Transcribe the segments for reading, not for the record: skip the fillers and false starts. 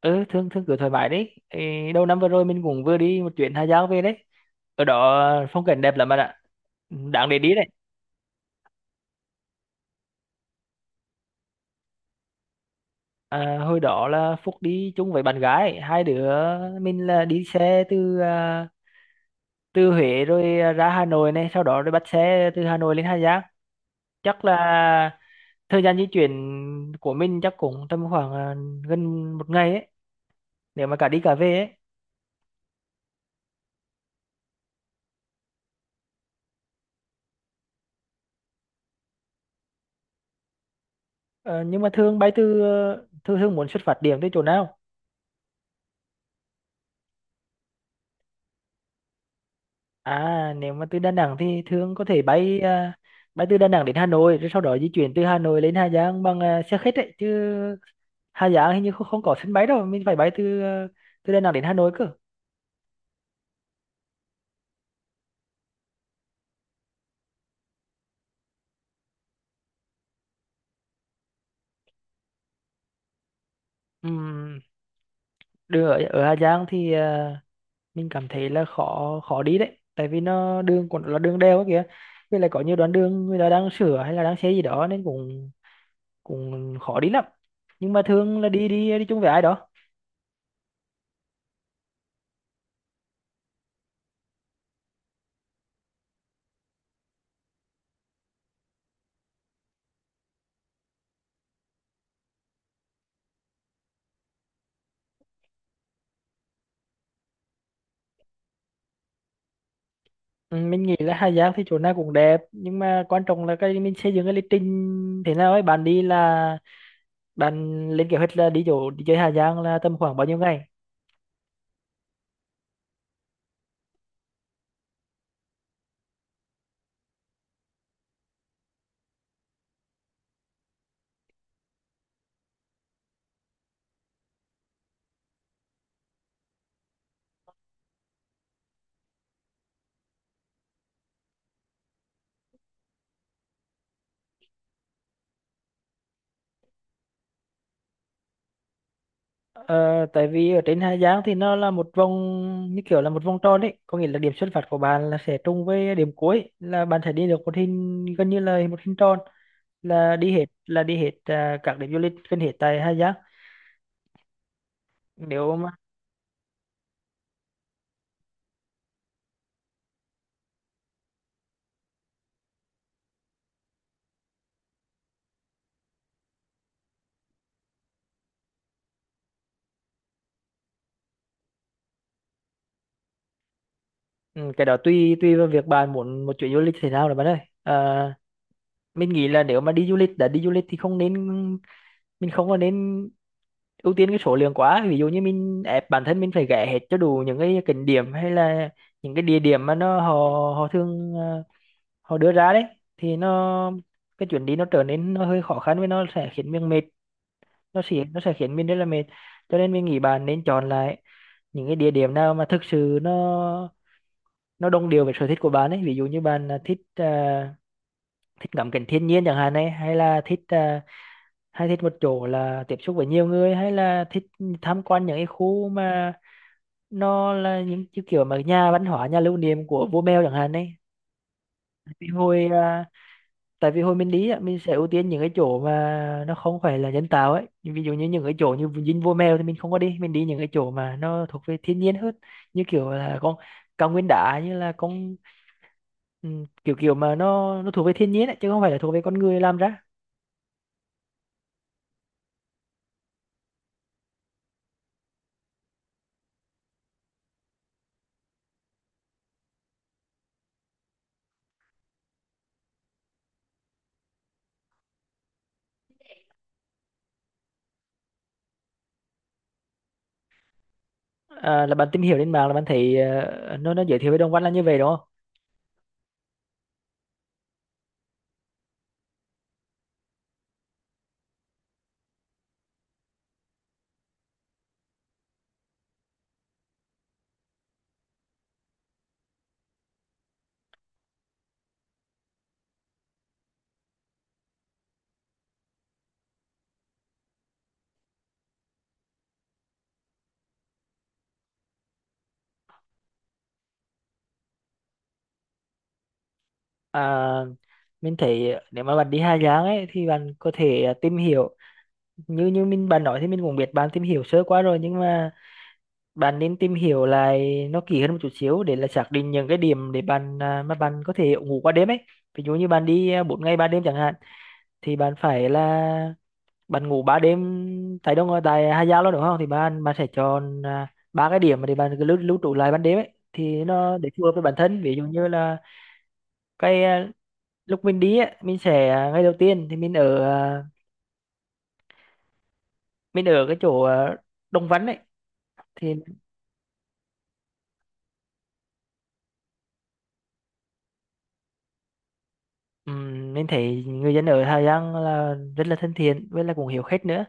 Ừ, thương thương cứ thoải mái đấy. Ê, đầu năm vừa rồi mình cũng vừa đi một chuyến Hà Giang về đấy. Ở đó phong cảnh đẹp lắm bạn ạ, đáng để đi đấy. Hồi đó là Phúc đi chung với bạn gái, hai đứa mình là đi xe từ từ Huế, rồi ra Hà Nội, này sau đó rồi bắt xe từ Hà Nội lên Hà Giang. Chắc là thời gian di chuyển của mình chắc cũng tầm khoảng gần một ngày ấy, nếu mà cả đi cả về ấy. Ờ, nhưng mà thường bay từ thường thường muốn xuất phát điểm từ chỗ nào? À, nếu mà từ Đà Nẵng thì thường có thể bay bay từ Đà Nẵng đến Hà Nội, rồi sau đó di chuyển từ Hà Nội lên Hà Giang bằng xe khách ấy chứ. Hà Giang hình như không, không có sân bay đâu, mình phải bay từ từ Đà Nẵng đến Hà Nội cơ. Ừm, Đường ở Hà Giang thì mình cảm thấy là khó khó đi đấy, tại vì nó đường còn là đường đèo ấy kìa, với lại có nhiều đoạn đường người ta đang sửa hay là đang xây gì đó, nên cũng cũng khó đi lắm. Nhưng mà thường là đi đi đi chung với ai đó. Ừ, mình nghĩ là Hà Giang thì chỗ nào cũng đẹp, nhưng mà quan trọng là cái mình xây dựng cái lịch trình thế nào ấy bạn, đi là bạn lên kế hoạch là đi chỗ đi chơi Hà Giang là tầm khoảng bao nhiêu ngày. Ờ, Tại vì ở trên Hà Giang thì nó là một vòng, như kiểu là một vòng tròn đấy, có nghĩa là điểm xuất phát của bạn là sẽ trùng với điểm cuối, là bạn sẽ đi được một hình gần như là một hình tròn, là đi hết các điểm du lịch gần hết tại Hà Giang. Nếu mà ừ, cái đó tùy tùy vào việc bạn muốn một chuyến du lịch thế nào rồi bạn ơi. Ờ, mình nghĩ là nếu mà đi du lịch, đã đi du lịch thì không nên, mình không có nên ưu tiên cái số lượng quá. Ví dụ như mình ép bản thân mình phải ghé hết cho đủ những cái cảnh điểm, hay là những cái địa điểm mà nó họ họ thường họ đưa ra đấy, thì nó cái chuyến đi nó trở nên nó hơi khó khăn, với nó sẽ khiến mình mệt, nó sẽ khiến mình rất là mệt. Cho nên mình nghĩ bạn nên chọn lại những cái địa điểm nào mà thực sự nó đồng đều với sở thích của bạn ấy. Ví dụ như bạn là thích ngắm cảnh thiên nhiên chẳng hạn ấy, hay là thích hay thích một chỗ là tiếp xúc với nhiều người, hay là thích tham quan những cái khu mà nó là những cái kiểu mà nhà văn hóa, nhà lưu niệm của vua Mèo chẳng hạn đấy. vì hồi à, Tại vì hồi mình đi á, mình sẽ ưu tiên những cái chỗ mà nó không phải là nhân tạo ấy. Ví dụ như những cái chỗ như dinh vua Mèo thì mình không có đi, mình đi những cái chỗ mà nó thuộc về thiên nhiên hơn, như kiểu là con cao nguyên đá, như là con ừ, kiểu kiểu mà nó thuộc về thiên nhiên ấy, chứ không phải là thuộc về con người làm ra. À, là bạn tìm hiểu trên mạng, là bạn thấy nó giới thiệu về Đồng Văn là như vậy đúng không? À, mình thấy nếu mà bạn đi Hà Giang ấy, thì bạn có thể tìm hiểu như như mình bạn nói, thì mình cũng biết bạn tìm hiểu sơ qua rồi, nhưng mà bạn nên tìm hiểu lại nó kỹ hơn một chút xíu, để là xác định những cái điểm để bạn mà bạn có thể ngủ qua đêm ấy. Ví dụ như bạn đi 4 ngày 3 đêm chẳng hạn, thì bạn phải là bạn ngủ 3 đêm tại đâu, tại Hà Giang luôn đúng không, thì bạn bạn sẽ chọn ba cái điểm mà để bạn cứ lưu lưu trú lại ban đêm ấy, thì nó để phù hợp với bản thân. Ví dụ như là cái lúc mình đi ấy, mình sẽ ngày đầu tiên thì mình ở mình ở cái chỗ Đồng Văn ấy thì. Mình thấy người dân ở Hà Giang là rất là thân thiện, với là cũng hiểu khách nữa.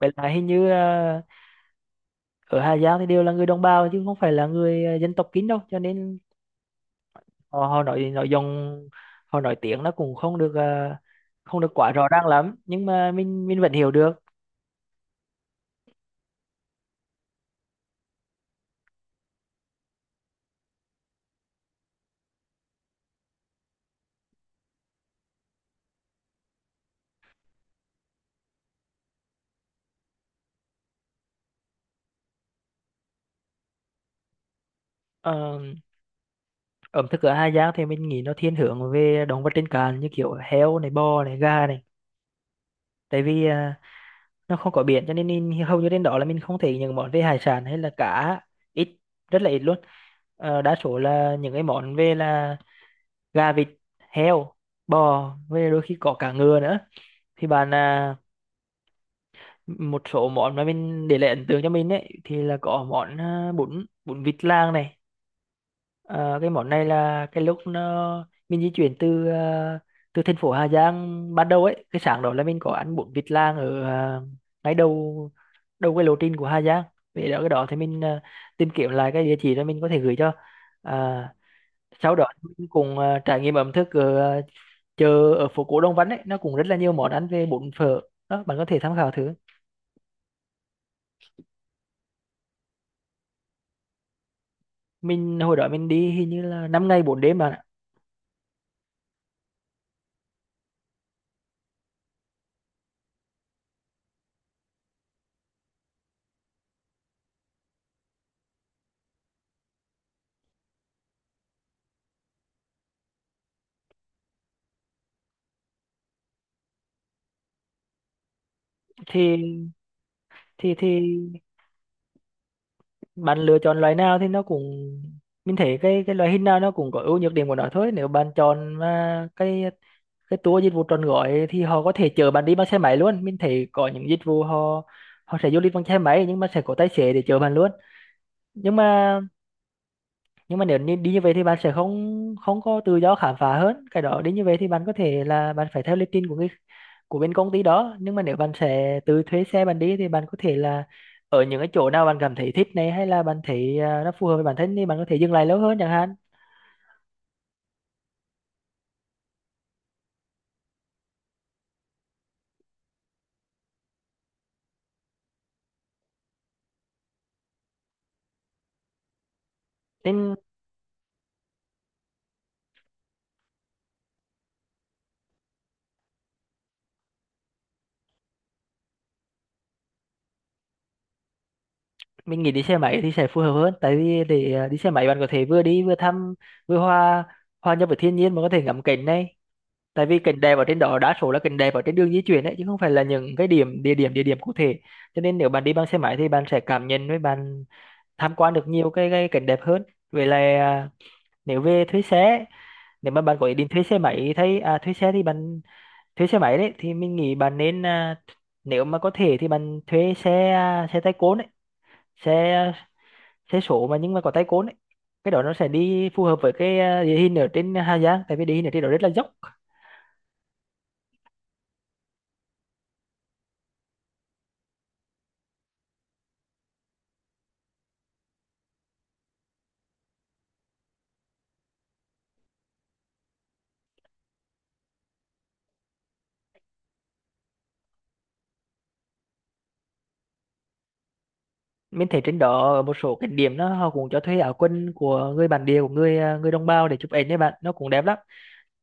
Vậy là hình như ở Hà Giang thì đều là người đồng bào, chứ không phải là người dân tộc Kín đâu, cho nên họ nói nội dung, họ nói tiếng nó cũng không được không được quá rõ ràng lắm, nhưng mà mình vẫn hiểu được. Ờ, Ẩm thực ở Hà Giang thì mình nghĩ nó thiên hướng về động vật trên cạn, như kiểu heo này, bò này, gà này, tại vì nó không có biển, cho nên, nên hầu như trên đó là mình không thấy những món về hải sản hay là cá, ít, rất là ít luôn. Đa số là những cái món về là gà, vịt, heo, bò, với đôi khi có cả ngựa nữa, thì bạn một số món mà mình để lại ấn tượng cho mình ấy thì là có món à, bún bún vịt lang này. Ờ, cái món này là cái lúc nó mình di chuyển từ từ thành phố Hà Giang ban đầu ấy, cái sáng đó là mình có ăn bún vịt lang ở ngay đầu đầu cái lộ trình của Hà Giang. Về đó cái đó thì mình tìm kiếm lại cái địa chỉ đó, mình có thể gửi cho à, sau đó mình cùng trải nghiệm ẩm thực ở chợ ở phố cổ Đông Văn ấy, nó cũng rất là nhiều món ăn về bún phở đó, bạn có thể tham khảo thử. Mình hồi đó mình đi hình như là 5 ngày 4 đêm bạn ạ. Thì thì thì bạn lựa chọn loại nào thì nó cũng, mình thấy cái loại hình nào nó cũng có ưu nhược điểm của nó thôi. Nếu bạn chọn mà cái tour dịch vụ trọn gói thì họ có thể chở bạn đi bằng xe máy luôn, mình thấy có những dịch vụ họ họ sẽ du lịch bằng xe máy, nhưng mà sẽ có tài xế để chở bạn luôn. Nhưng mà nhưng mà nếu như đi như vậy thì bạn sẽ không không có tự do khám phá hơn. Cái đó đi như vậy thì bạn có thể là bạn phải theo lịch trình của người, của bên công ty đó. Nhưng mà nếu bạn sẽ tự thuê xe bạn đi thì bạn có thể là ở những cái chỗ nào bạn cảm thấy thích này, hay là bạn thấy nó phù hợp với bản thân thì bạn có thể dừng lại lâu hơn chẳng hạn. Nên mình nghĩ đi xe máy thì sẽ phù hợp hơn, tại vì để đi xe máy bạn có thể vừa đi vừa thăm, vừa hòa, hòa nhập với thiên nhiên, mà có thể ngắm cảnh này, tại vì cảnh đẹp ở trên đó đa số là cảnh đẹp ở trên đường di chuyển đấy, chứ không phải là những cái điểm địa điểm địa điểm cụ thể. Cho nên nếu bạn đi bằng xe máy thì bạn sẽ cảm nhận, với bạn tham quan được nhiều cái cảnh đẹp hơn. Vậy là nếu về thuê xe, nếu mà bạn có ý định thuê xe máy, thuê xe thì bạn thuê xe máy đấy, thì mình nghĩ bạn nên nếu mà có thể thì bạn thuê xe xe tay côn đấy, xe xe số mà nhưng mà có tay côn đấy. Cái đó nó sẽ đi phù hợp với cái địa hình ở trên Hà Giang, tại vì địa hình ở trên đó rất là dốc. Mình thấy trên đó ở một số cái điểm đó họ cũng cho thuê áo quần của người bản địa, của người người đồng bào để chụp ảnh đấy bạn, nó cũng đẹp lắm.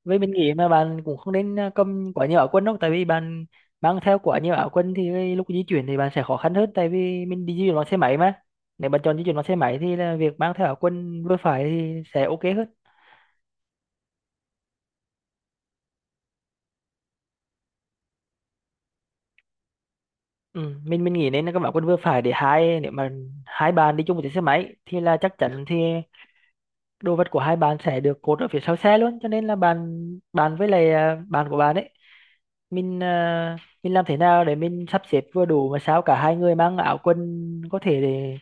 Với mình nghĩ mà bạn cũng không nên cầm quá nhiều áo quần đâu, tại vì bạn mang theo quá nhiều áo quần thì cái lúc di chuyển thì bạn sẽ khó khăn hơn, tại vì mình đi di chuyển bằng xe máy mà. Nếu bạn chọn di chuyển bằng xe máy thì là việc mang theo áo quần vừa phải thì sẽ ok hơn. Ừ, mình nghĩ nên là các bạn quân vừa phải, để hai, nếu mà hai bạn đi chung một chiếc xe máy thì là chắc chắn thì đồ vật của hai bạn sẽ được cột ở phía sau xe luôn, cho nên là bạn, bạn với lại bạn của bạn ấy, mình mình làm thế nào để mình sắp xếp vừa đủ mà sao cả hai người mang áo quần có thể để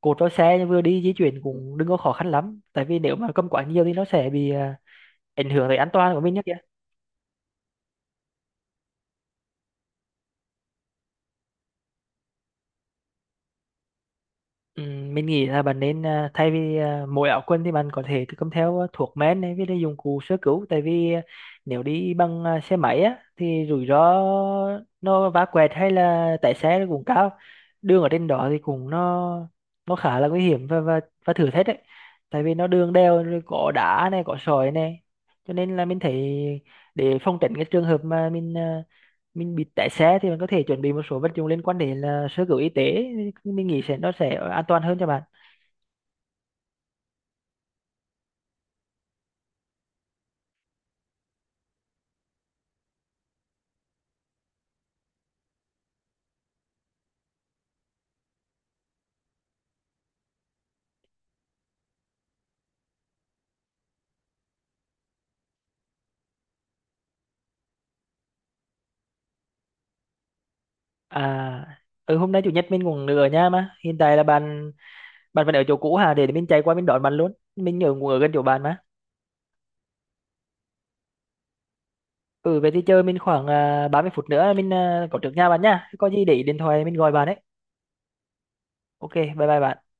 cột vào xe, vừa đi di chuyển cũng đừng có khó khăn lắm, tại vì nếu mà cầm quá nhiều thì nó sẽ bị ảnh hưởng tới an toàn của mình nhé. Ừ, mình nghĩ là bạn nên thay vì mỗi áo quần thì bạn có thể tự cầm theo thuốc men này, với lại dụng cụ sơ cứu, tại vì nếu đi bằng xe máy á thì rủi ro, nó vá quẹt hay là tái xe nó cũng cao. Đường ở trên đó thì cũng nó khá là nguy hiểm và và thử thách đấy, tại vì nó đường đèo rồi có đá này có sỏi này, cho nên là mình thấy để phòng tránh cái trường hợp mà mình mình bị té xe thì mình có thể chuẩn bị một số vật dụng liên quan đến là sơ cứu y tế, mình nghĩ sẽ nó sẽ an toàn hơn cho bạn. à Hôm nay chủ nhật mình cũng ở nhà mà, hiện tại là bạn, bạn vẫn ở chỗ cũ hả, để mình chạy qua mình đón bạn luôn, mình ở cũng ở gần chỗ bạn mà. Ừ, về thì chơi mình khoảng 30 phút nữa mình có trước nhà bạn nha, có gì để ý điện thoại mình gọi bạn ấy. Ok, bye bye bạn.